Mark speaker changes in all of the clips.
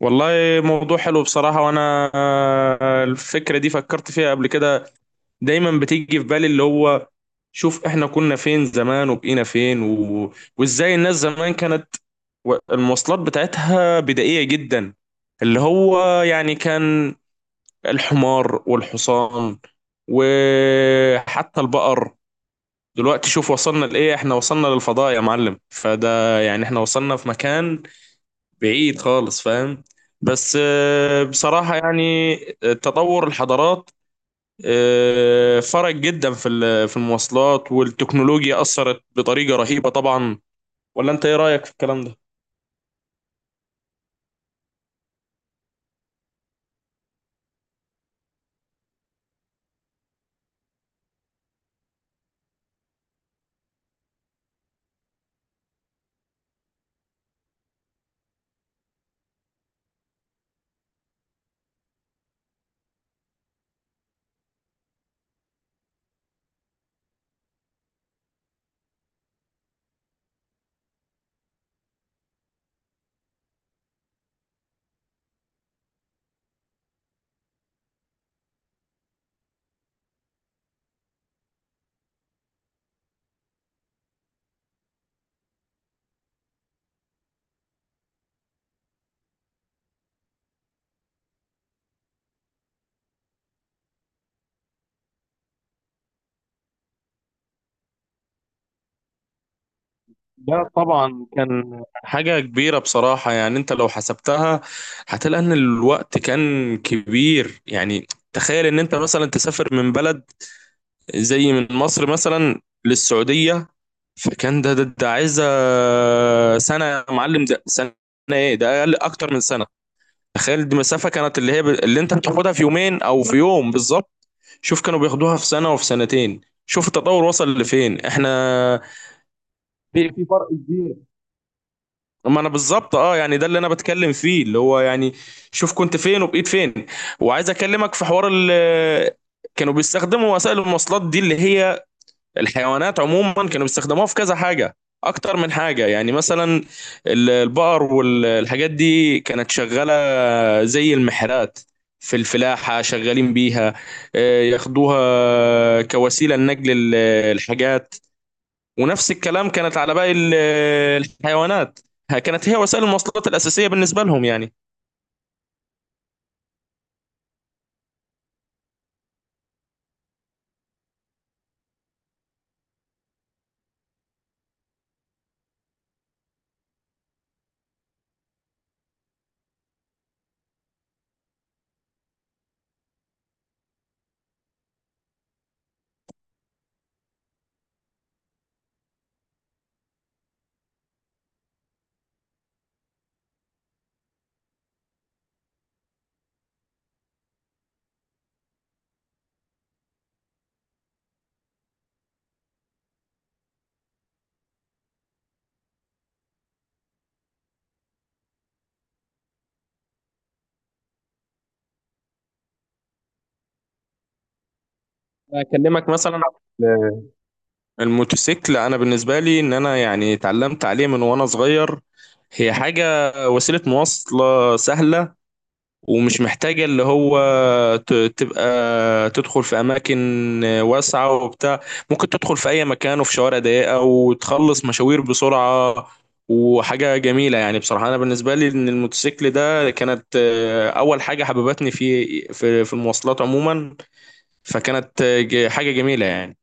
Speaker 1: والله، موضوع حلو بصراحة وأنا الفكرة دي فكرت فيها قبل كده. دايما بتيجي في بالي اللي هو، شوف إحنا كنا فين زمان وبقينا فين وإزاي الناس زمان كانت، المواصلات بتاعتها بدائية جدا. اللي هو يعني كان الحمار والحصان وحتى البقر. دلوقتي شوف وصلنا لإيه، إحنا وصلنا للفضاء يا معلم، فده يعني إحنا وصلنا في مكان بعيد خالص، فاهم؟ بس بصراحة يعني تطور الحضارات، فرق جدا في في المواصلات والتكنولوجيا أثرت بطريقة رهيبة طبعا. ولا أنت إيه رأيك في الكلام ده؟ لا طبعا، كان حاجة كبيرة بصراحة يعني. أنت لو حسبتها هتلاقي إن الوقت كان كبير يعني. تخيل إن أنت مثلا تسافر من بلد، زي من مصر مثلا للسعودية، فكان ده عايزه سنه يا معلم، ده سنه، ايه ده، اقل اكتر من سنه. تخيل دي مسافه كانت اللي هي اللي انت بتاخدها في يومين او في يوم بالظبط، شوف كانوا بياخدوها في سنه وفي سنتين. شوف التطور وصل لفين احنا. في فرق كبير. ما انا بالظبط اه، يعني ده اللي انا بتكلم فيه، اللي هو يعني شوف كنت فين وبقيت فين. وعايز اكلمك في حوار ال، كانوا بيستخدموا وسائل المواصلات دي اللي هي الحيوانات عموما، كانوا بيستخدموها في كذا حاجة، أكتر من حاجة يعني. مثلا البقر والحاجات دي كانت شغالة زي المحرات في الفلاحة، شغالين بيها، ياخدوها كوسيلة لنقل الحاجات. ونفس الكلام كانت على باقي الحيوانات، كانت هي وسائل المواصلات الأساسية بالنسبة لهم يعني. أكلمك مثلا الموتوسيكل، انا بالنسبه لي ان انا يعني اتعلمت عليه من وانا صغير. هي حاجه، وسيله مواصله سهله، ومش محتاجه اللي هو تبقى تدخل في اماكن واسعه وبتاع، ممكن تدخل في اي مكان وفي شوارع ضيقه، وتخلص مشاوير بسرعه. وحاجه جميله يعني، بصراحه انا بالنسبه لي ان الموتوسيكل ده كانت اول حاجه حببتني في في المواصلات عموما، فكانت حاجه جميله يعني.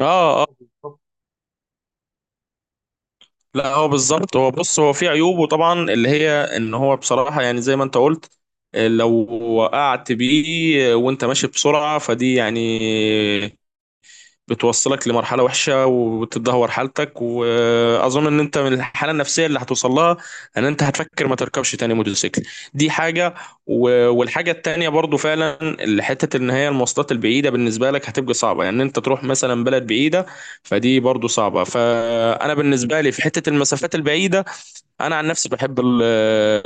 Speaker 1: اه، اه، لا هو بالظبط. هو بص، هو في عيوبه طبعا اللي هي ان هو بصراحة يعني، زي ما انت قلت، لو وقعت بيه وانت ماشي بسرعة، فدي يعني بتوصلك لمرحلة وحشة، وبتدهور حالتك، وأظن إن أنت من الحالة النفسية اللي هتوصل لها إن أنت هتفكر ما تركبش تاني موتوسيكل. دي حاجة. والحاجة التانية برضو فعلا اللي حتة إن هي المواصلات البعيدة بالنسبة لك هتبقى صعبة، يعني إن أنت تروح مثلا بلد بعيدة فدي برضو صعبة. فأنا بالنسبة لي في حتة المسافات البعيدة، أنا عن نفسي بحب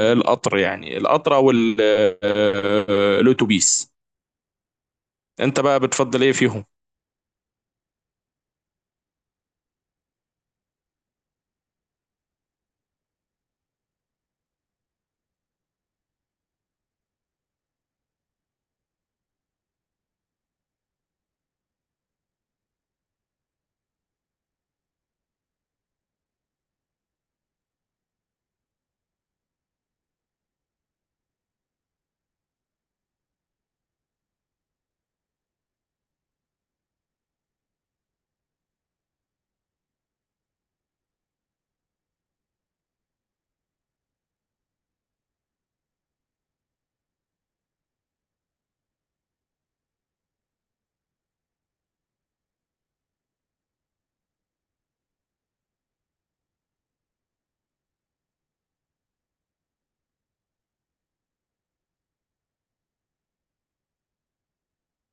Speaker 1: القطر، يعني القطر أو الأتوبيس. أنت بقى بتفضل إيه فيهم؟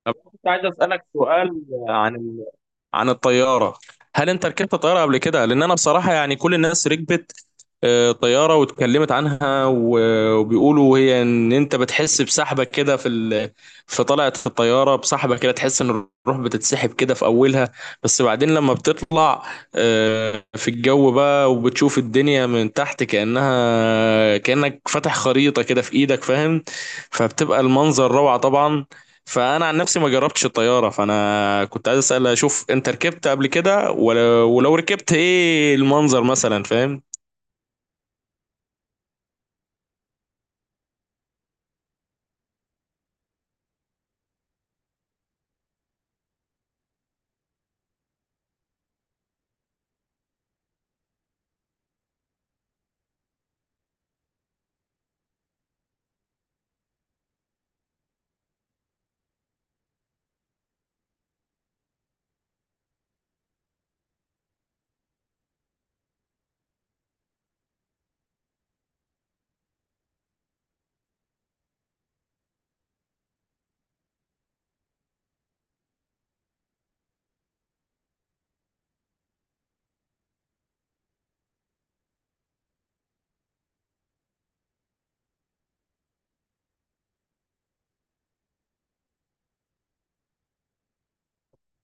Speaker 1: طب كنت عايز اسالك سؤال عن، عن الطيارة. هل انت ركبت طيارة قبل كده؟ لان انا بصراحة يعني كل الناس ركبت طيارة واتكلمت عنها، وبيقولوا هي ان انت بتحس بسحبة كده في في طلعة الطيارة بسحبة كده، تحس ان الروح بتتسحب كده في اولها، بس بعدين لما بتطلع في الجو بقى، وبتشوف الدنيا من تحت كأنها، كأنك فاتح خريطة كده في ايدك، فاهم؟ فبتبقى المنظر روعة طبعا. فانا عن نفسي ما جربتش الطياره، فانا كنت عايز اسال اشوف انت ركبت قبل كده ولو ركبت ايه المنظر مثلا، فاهم؟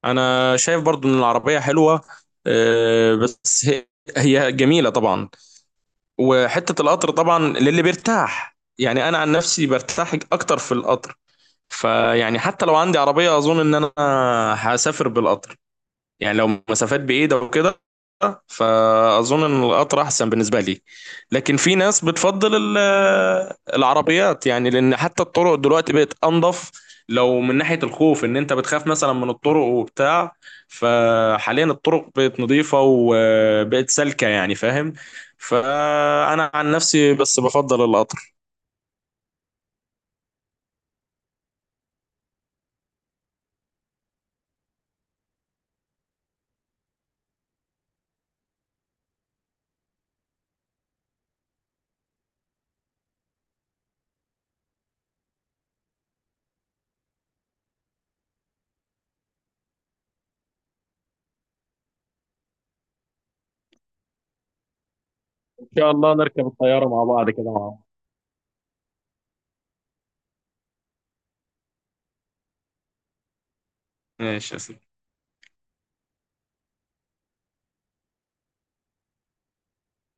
Speaker 1: انا شايف برضو ان العربيه حلوه، بس هي، هي جميله طبعا. وحته القطر طبعا للي بيرتاح يعني، انا عن نفسي برتاح اكتر في القطر. فيعني حتى لو عندي عربيه اظن ان انا هسافر بالقطر، يعني لو مسافات بعيدة وكده، فأظن إن القطر أحسن بالنسبة لي. لكن في ناس بتفضل العربيات، يعني لأن حتى الطرق دلوقتي بقت أنظف. لو من ناحية الخوف إن أنت بتخاف مثلا من الطرق وبتاع، فحاليا الطرق بقت نظيفة وبقت سالكة يعني، فاهم؟ فأنا عن نفسي بس بفضل القطر. ان شاء الله نركب الطياره مع بعض كده، مع بعض. ماشي يا سيدي.